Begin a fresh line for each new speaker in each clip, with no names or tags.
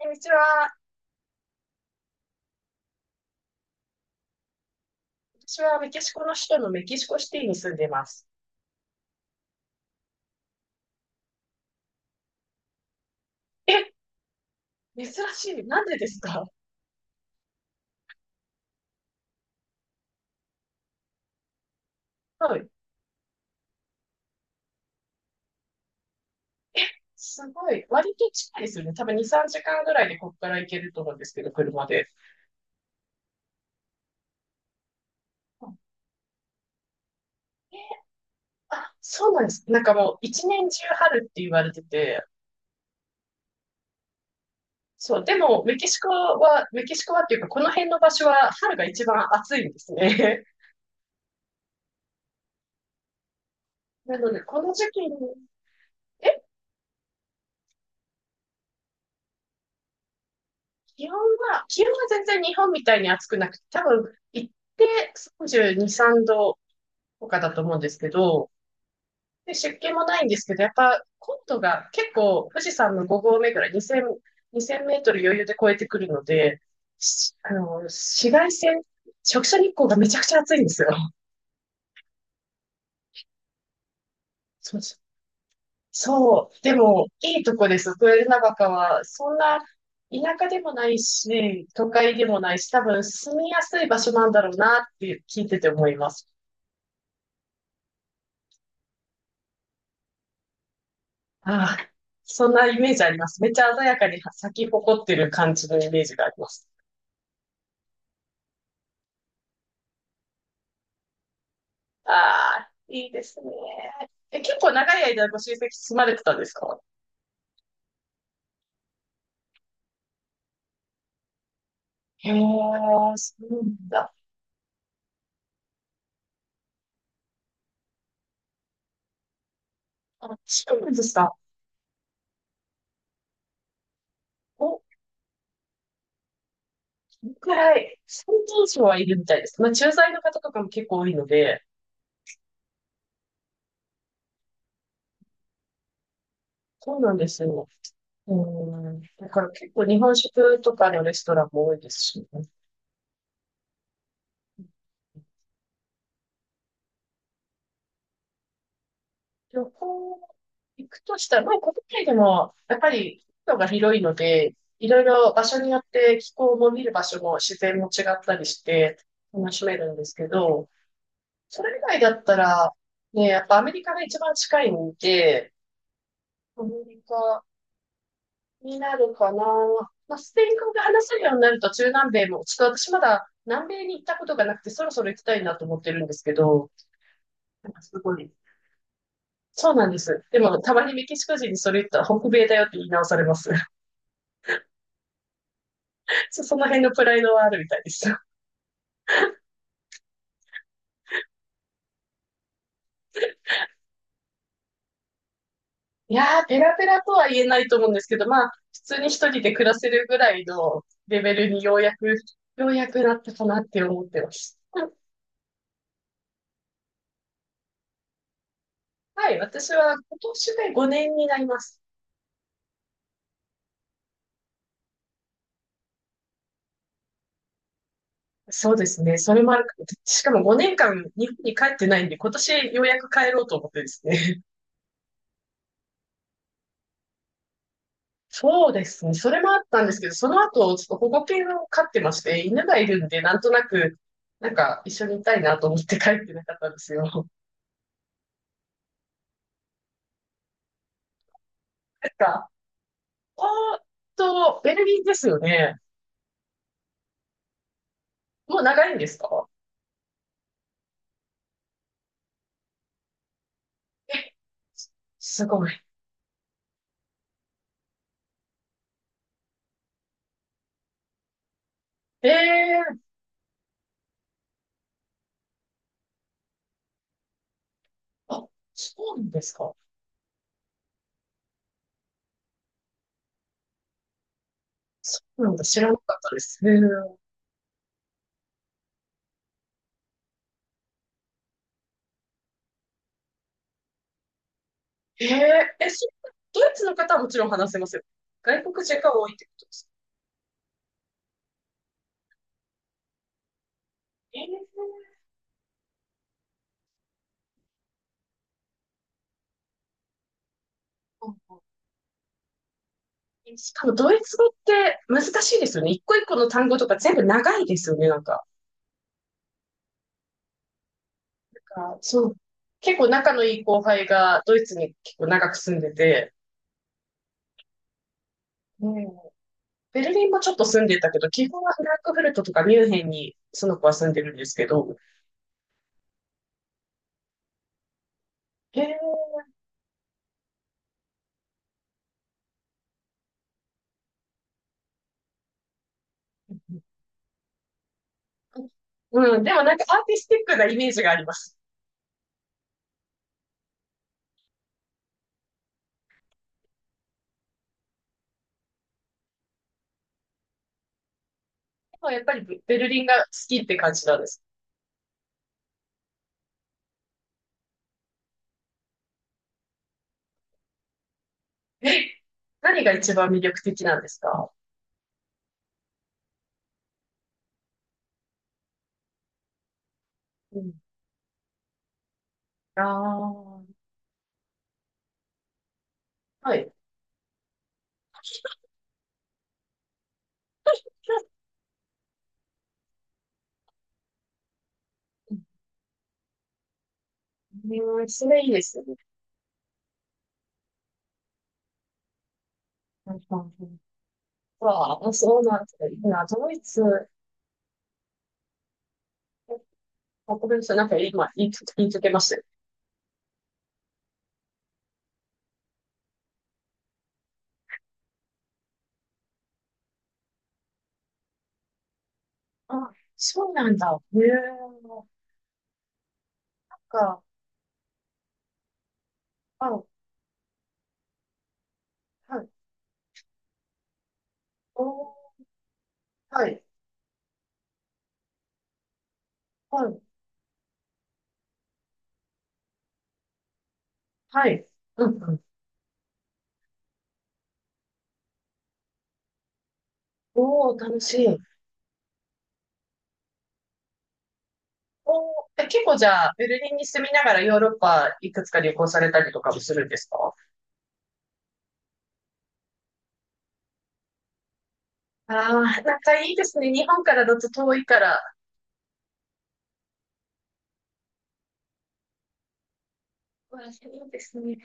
でうちは、私はメキシコの首都のメキシコシティに住んでます。え、珍しい。なんでですか？はい。え、すごい。割と近いですよね。多分2、3時間ぐらいでここから行けると思うんですけど、車で。うん。あ、そうなんです。なんかもう一年中春って言われてて、そう、でもメキシコは、メキシコはっていうかこの辺の場所は春が一番暑いんですね。なので、この時期に。え、気温気温は全然日本みたいに暑くなくて、多分、行って32、3度とかだと思うんですけど、で、湿気もないんですけど、やっぱ、高度が結構、富士山の5合目ぐらい、2000、にせんメートル余裕で超えてくるので、あの、紫外線、直射日光がめちゃくちゃ暑いんですよ。そう、そう。でも、いいとこです。豊永川は、そんな田舎でもないし、都会でもないし、多分住みやすい場所なんだろうなって聞いてて思います。ああ、そんなイメージあります。めっちゃ鮮やかに咲き誇ってる感じのイメージがあります。ああ、いいですね。え、結構長い間ご親戚住まれてたんですか？へえ、そうなんだ。あ、そうなんですか。お、くらい、最近以上はいるみたいです。まあ、駐在の方とかも結構多いので、そうなんですよ。うん。だから結構日本食とかのレストランも多いですし、ね、旅行行くとしたら、まあ国内でもやっぱり国土が広いので、いろいろ場所によって気候も見る場所も自然も違ったりして楽しめるんですけど、それ以外だったら、ね、やっぱアメリカが一番近いんで、アメリカになるかな。まあ、スペイン語が話せるようになると中南米も、ちょっと私まだ南米に行ったことがなくて、そろそろ行きたいなと思ってるんですけど、なんかすごい。そうなんです。でも、たまにメキシコ人にそれ言ったら北米だよって言い直されます。その辺のプライドはあるみたいです。いやー、ペラペラとは言えないと思うんですけど、まあ、普通に一人で暮らせるぐらいのレベルにようやくなったかなって思ってます。はい、私は今年で5年になります。そうですね。それもあるか。しかも5年間日本に帰ってないんで、今年ようやく帰ろうと思ってですね。そうですね。それもあったんですけど、その後、ちょっと保護犬を飼ってまして、犬がいるんで、なんとなく、なんか一緒にいたいなと思って帰ってなかったんですよ。なんか、おーっと、ベルギーですよね。もう長いんですか？え、すすごい。ええー、あ、そうなんですか。そうなんだ。知らなかったです。へー、えええ、そう、ドイツの方はもちろん話せますよ。外国人が多いってことですか。ええ。うん。え、しかもドイツ語って難しいですよね。一個一個の単語とか全部長いですよね、なんか。あ、そう。結構仲のいい後輩がドイツに結構長く住んでて、うん、ベルリンもちょっと住んでたけど、基本はフランクフルトとかミュンヘンにその子は住んでるんですけど、へえ、うん、でもなんかアーティスティックなイメージがあります。でもやっぱりベルリンが好きって感じなんです。え、何が一番魅力的なんですか？うん。ああ、はい。うん、それいいですよね。うんうんうん。わあ、そうなんですね。いいなドイツ。え、あ、ごめんなさい。なんか今、言いつけましたよ。あ、そうなんだ。へえ、なんか。あ、はい。おー、はい。はい。はい。うんうん。おー、楽しい。おー、え、結構じゃあ、ベルリンに住みながらヨーロッパいくつか旅行されたりとかもするんですか？ああ、なんかいいですね。日本からだと遠いから。まあ、いいですね。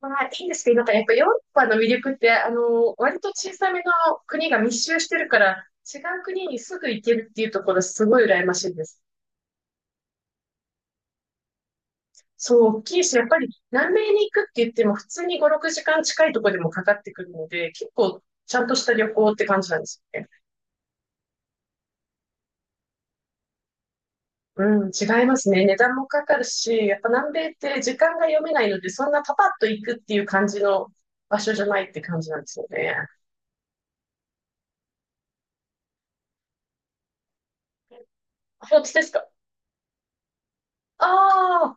まあ、いいですけど、なんかやっぱヨーロッパの魅力って、あの、割と小さめの国が密集してるから、違う国にすぐ行けるっていうところすごい羨ましいです。そう、大きいし、やっぱり南米に行くって言っても普通に5、6時間近いところでもかかってくるので、結構ちゃんとした旅行って感じなんです。うん、違いますね。値段もかかるし、やっぱ南米って時間が読めないので、そんなパパッと行くっていう感じの場所じゃないって感じなんですよね。あ、本当ですか？ああ、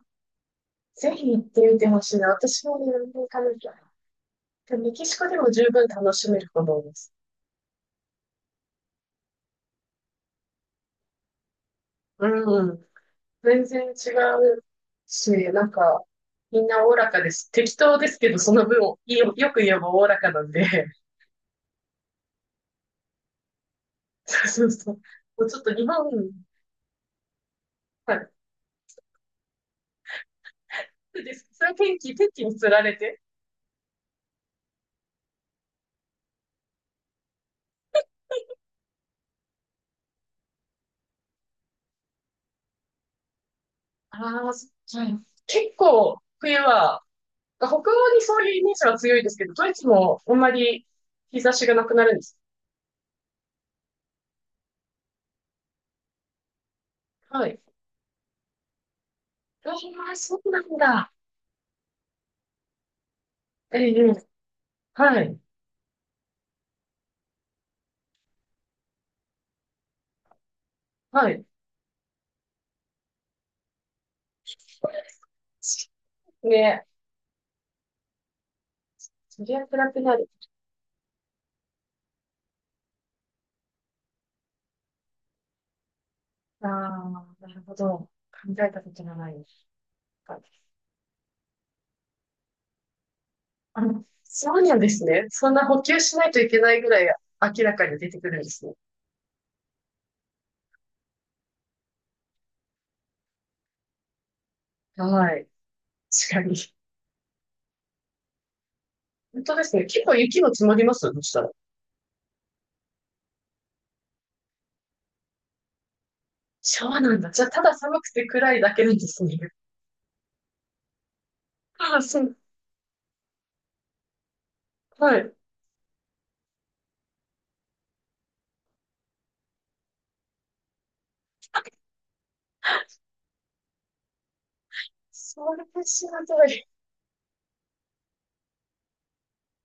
ぜひ行ってみてほしいな。私もね、南米行かなきゃ。でメキシコでも十分楽しめると思います。うん、全然違うし、なんか、みんなおおらかです。適当ですけど、その分、よく言えばおおらかなんで。そうそうそう。もうちょっと日本。はい。そうです。それは天気に釣られて。ああ、はい。結構、冬は、北欧にそういうイメージは強いですけど、ドイツもあんまり日差しがなくなるんです。はい。ああ、そうなんだ。ええ、はい。はい。ね、そりゃ暗くなる。ああ、なるほど。考えたことがないです。あの、そうなんですね。そんな補給しないといけないぐらい明らかに出てくるんですね。はい。確かに。本当ですね。結構雪も積もりますどうしたら。そうなんだ。じゃあ、ただ寒くて暗いだけなんですね。ああ、そう。はい。それ知らない。